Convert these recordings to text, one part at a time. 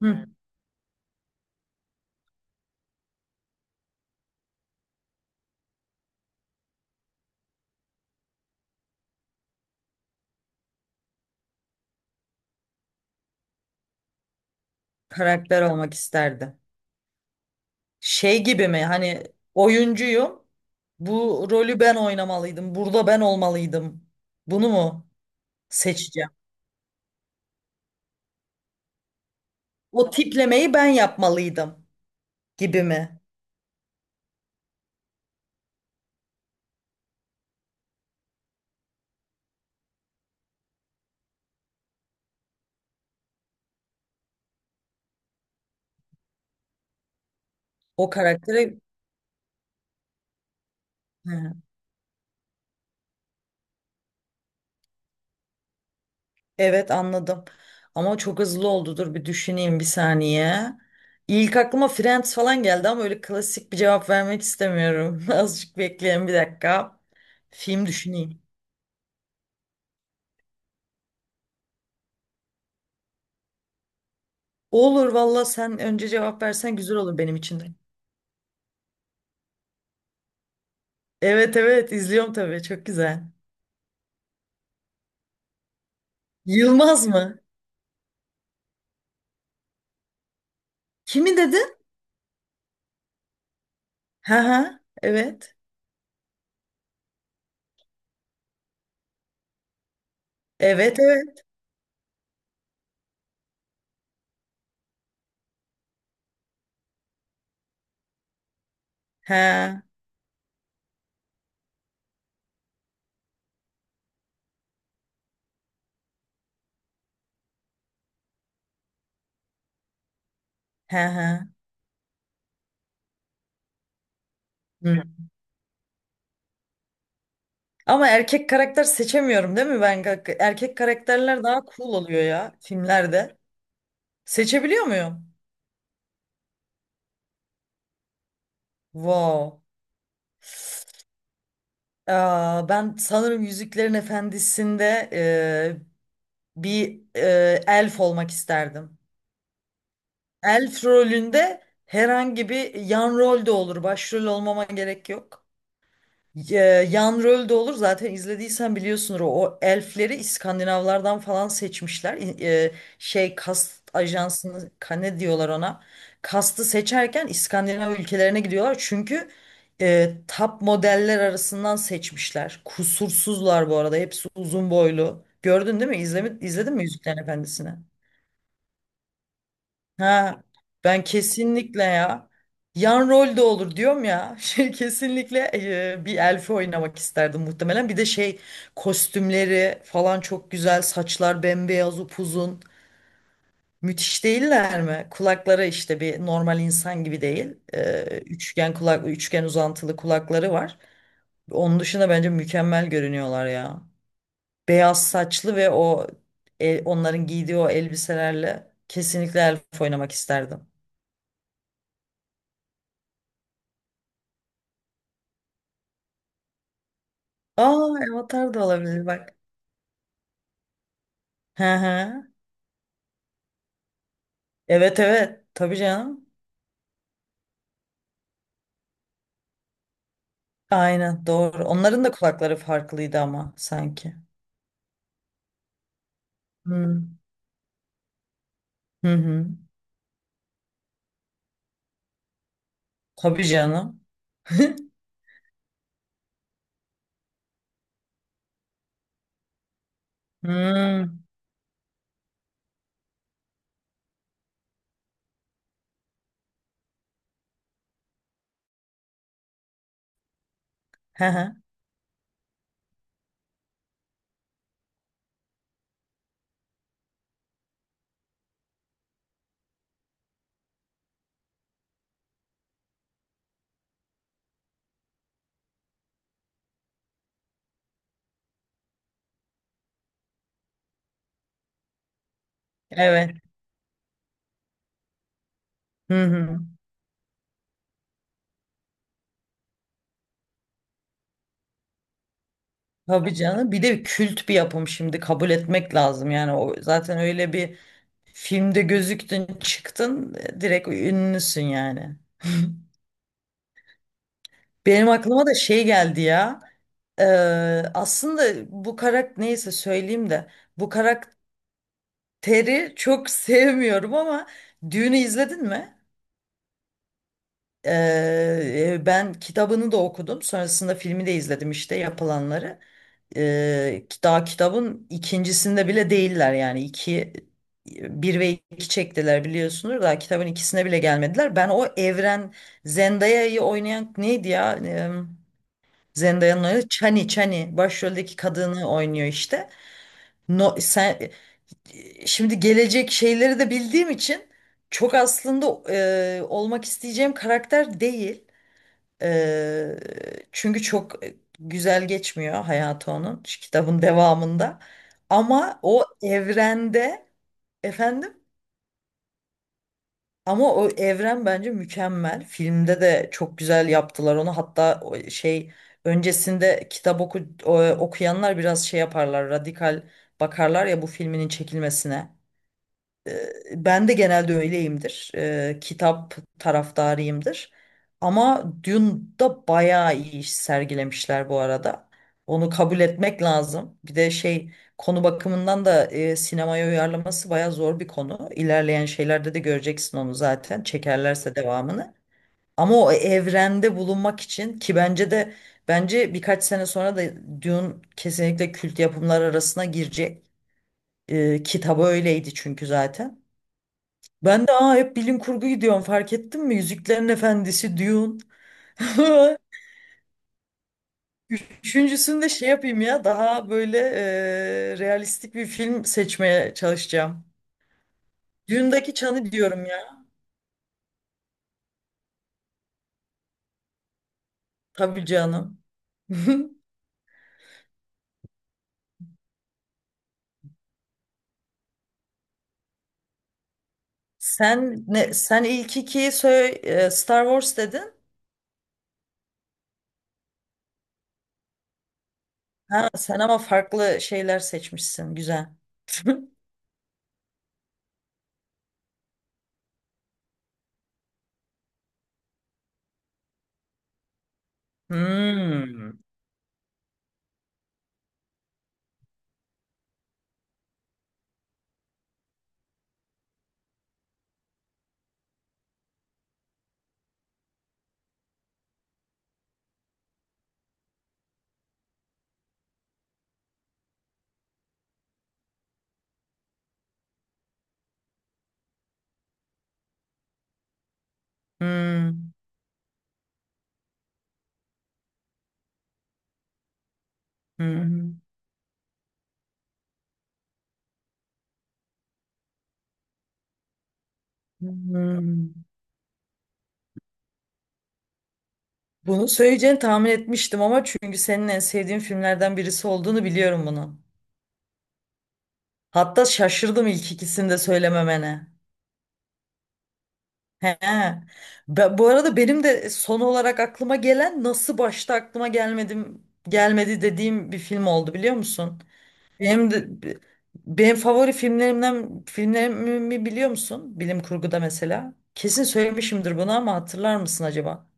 Hı. Karakter olmak isterdi. Şey gibi mi? Hani oyuncuyum. Bu rolü ben oynamalıydım. Burada ben olmalıydım. Bunu mu seçeceğim? O tiplemeyi ben yapmalıydım gibi mi? O karaktere hı. Evet anladım. Ama çok hızlı oldu. Dur bir düşüneyim bir saniye. İlk aklıma Friends falan geldi ama öyle klasik bir cevap vermek istemiyorum. Azıcık bekleyin bir dakika. Film düşüneyim. Olur valla sen önce cevap versen güzel olur benim için de. Evet, evet izliyorum tabii, çok güzel. Yılmaz mı? Kimi dedin? Ha ha, evet. Evet, evet. Ha ha ha. Hı. Ama erkek karakter seçemiyorum değil mi ben? Erkek karakterler daha cool oluyor ya filmlerde. Seçebiliyor muyum? Wow. Aa, ben sanırım Yüzüklerin Efendisi'nde bir elf olmak isterdim. Elf rolünde herhangi bir yan rol de olur. Başrol olmama gerek yok. Ee, yan rol de olur. Zaten izlediysen biliyorsunuz o elfleri İskandinavlardan falan seçmişler. Şey, kast ajansını ne diyorlar ona. Kastı seçerken İskandinav ülkelerine gidiyorlar. Çünkü top modeller arasından seçmişler. Kusursuzlar bu arada. Hepsi uzun boylu. Gördün değil mi? İzledin mi Yüzüklerin Efendisi'ni? Ha, ben kesinlikle ya yan rol de olur diyorum ya, şey, kesinlikle bir elfi oynamak isterdim muhtemelen. Bir de şey, kostümleri falan çok güzel, saçlar bembeyaz, upuzun, müthiş değiller mi? Kulakları işte bir normal insan gibi değil. E, üçgen kulak, üçgen uzantılı kulakları var. Onun dışında bence mükemmel görünüyorlar ya, beyaz saçlı ve o, onların giydiği o elbiselerle kesinlikle elf oynamak isterdim. Aa, Avatar da olabilir bak. Hı hı. Evet, evet. Tabii canım. Aynen, doğru. Onların da kulakları farklıydı ama sanki. Hmm. Hı hı. Tabii canım. Hmm. Hı hı. Evet. Hı hı. Tabii canım. Bir de kült bir yapım, şimdi kabul etmek lazım. Yani o zaten öyle bir filmde gözüktün, çıktın, direkt ünlüsün yani. Benim aklıma da şey geldi ya. Ee, aslında bu karakter neyse söyleyeyim de bu karakteri çok sevmiyorum ama, Düğün'ü izledin mi? Ben kitabını da okudum. Sonrasında filmi de izledim işte, yapılanları. Daha kitabın ikincisinde bile değiller yani, iki, bir ve iki çektiler biliyorsunuz. Daha kitabın ikisine bile gelmediler. Ben o evren, Zendaya'yı oynayan neydi ya? Zendaya'nın oynadığı Chani, Chani başroldeki kadını oynuyor işte. No, sen şimdi gelecek şeyleri de bildiğim için çok aslında olmak isteyeceğim karakter değil. E, çünkü çok güzel geçmiyor hayatı onun şu kitabın devamında. Ama o evrende, efendim, ama o evren bence mükemmel. Filmde de çok güzel yaptılar onu. Hatta o şey, öncesinde kitap oku, okuyanlar biraz şey yaparlar, radikal bakarlar ya bu filminin çekilmesine. E, ben de genelde öyleyimdir. E, kitap taraftarıyımdır. Ama Dune'da bayağı iyi iş sergilemişler bu arada. Onu kabul etmek lazım. Bir de şey, konu bakımından da sinemaya uyarlaması bayağı zor bir konu. İlerleyen şeylerde de göreceksin onu zaten, çekerlerse devamını. Ama o evrende bulunmak için, ki bence de, bence birkaç sene sonra da Dune kesinlikle kült yapımlar arasına girecek. E, kitabı öyleydi çünkü zaten. Ben de aa, hep bilim kurgu gidiyorum, fark ettin mi? Yüzüklerin Efendisi, Dune. Üçüncüsünü de şey yapayım ya, daha böyle realistik bir film seçmeye çalışacağım. Dune'daki Çan'ı diyorum ya. Tabii canım. Sen ilk ikiyi söyle, Star Wars dedin. Ha, sen ama farklı şeyler seçmişsin. Güzel. Hmm. Hmm. Hmm. Hmm. Bunu söyleyeceğini tahmin etmiştim ama, çünkü senin en sevdiğin filmlerden birisi olduğunu biliyorum bunu. Hatta şaşırdım ilk ikisini de söylememene. He. Bu arada benim de son olarak aklıma gelen, nasıl başta aklıma gelmedim gelmedi dediğim bir film oldu, biliyor musun? Benim de, benim favori filmlerimden filmlerimi biliyor musun? Bilim kurguda mesela. Kesin söylemişimdir bunu ama hatırlar mısın acaba?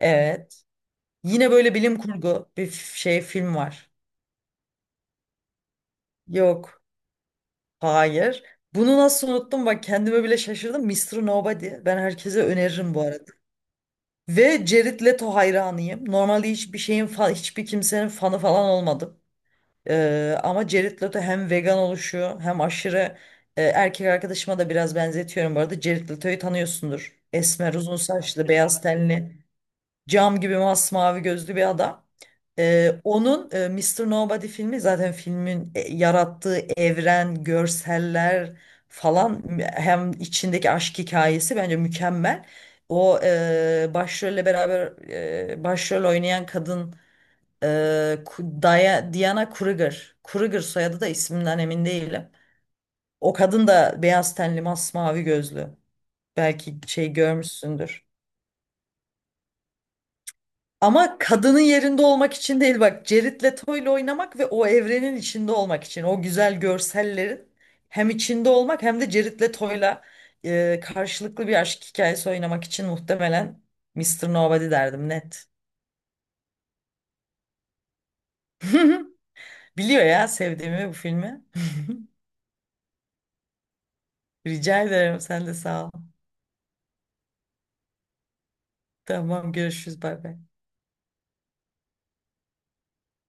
Evet. Yine böyle bilim kurgu bir şey film var. Yok. Hayır. Bunu nasıl unuttum, bak kendime bile şaşırdım. Mister Nobody. Ben herkese öneririm bu arada. Ve Jared Leto hayranıyım. Normalde hiçbir şeyin hiçbir kimsenin fanı falan olmadım. Ama Jared Leto hem vegan oluşuyor, hem aşırı erkek arkadaşıma da biraz benzetiyorum bu arada. Jared Leto'yu tanıyorsundur. Esmer, uzun saçlı, beyaz tenli, cam gibi masmavi gözlü bir adam. Onun Mr. Nobody filmi, zaten filmin yarattığı evren, görseller falan, hem içindeki aşk hikayesi bence mükemmel. O başrolle beraber başrol oynayan kadın, e, Diana Kruger. Kruger soyadı da, isminden emin değilim. O kadın da beyaz tenli, masmavi gözlü. Belki şey, görmüşsündür. Ama kadının yerinde olmak için değil bak, Jared Leto'yla oynamak ve o evrenin içinde olmak için, o güzel görsellerin hem içinde olmak hem de Jared Leto'yla karşılıklı bir aşk hikayesi oynamak için, muhtemelen Mr. Nobody derdim, net. Biliyor ya sevdiğimi bu filmi. Rica ederim, sen de sağ ol. Tamam, görüşürüz, bay bay.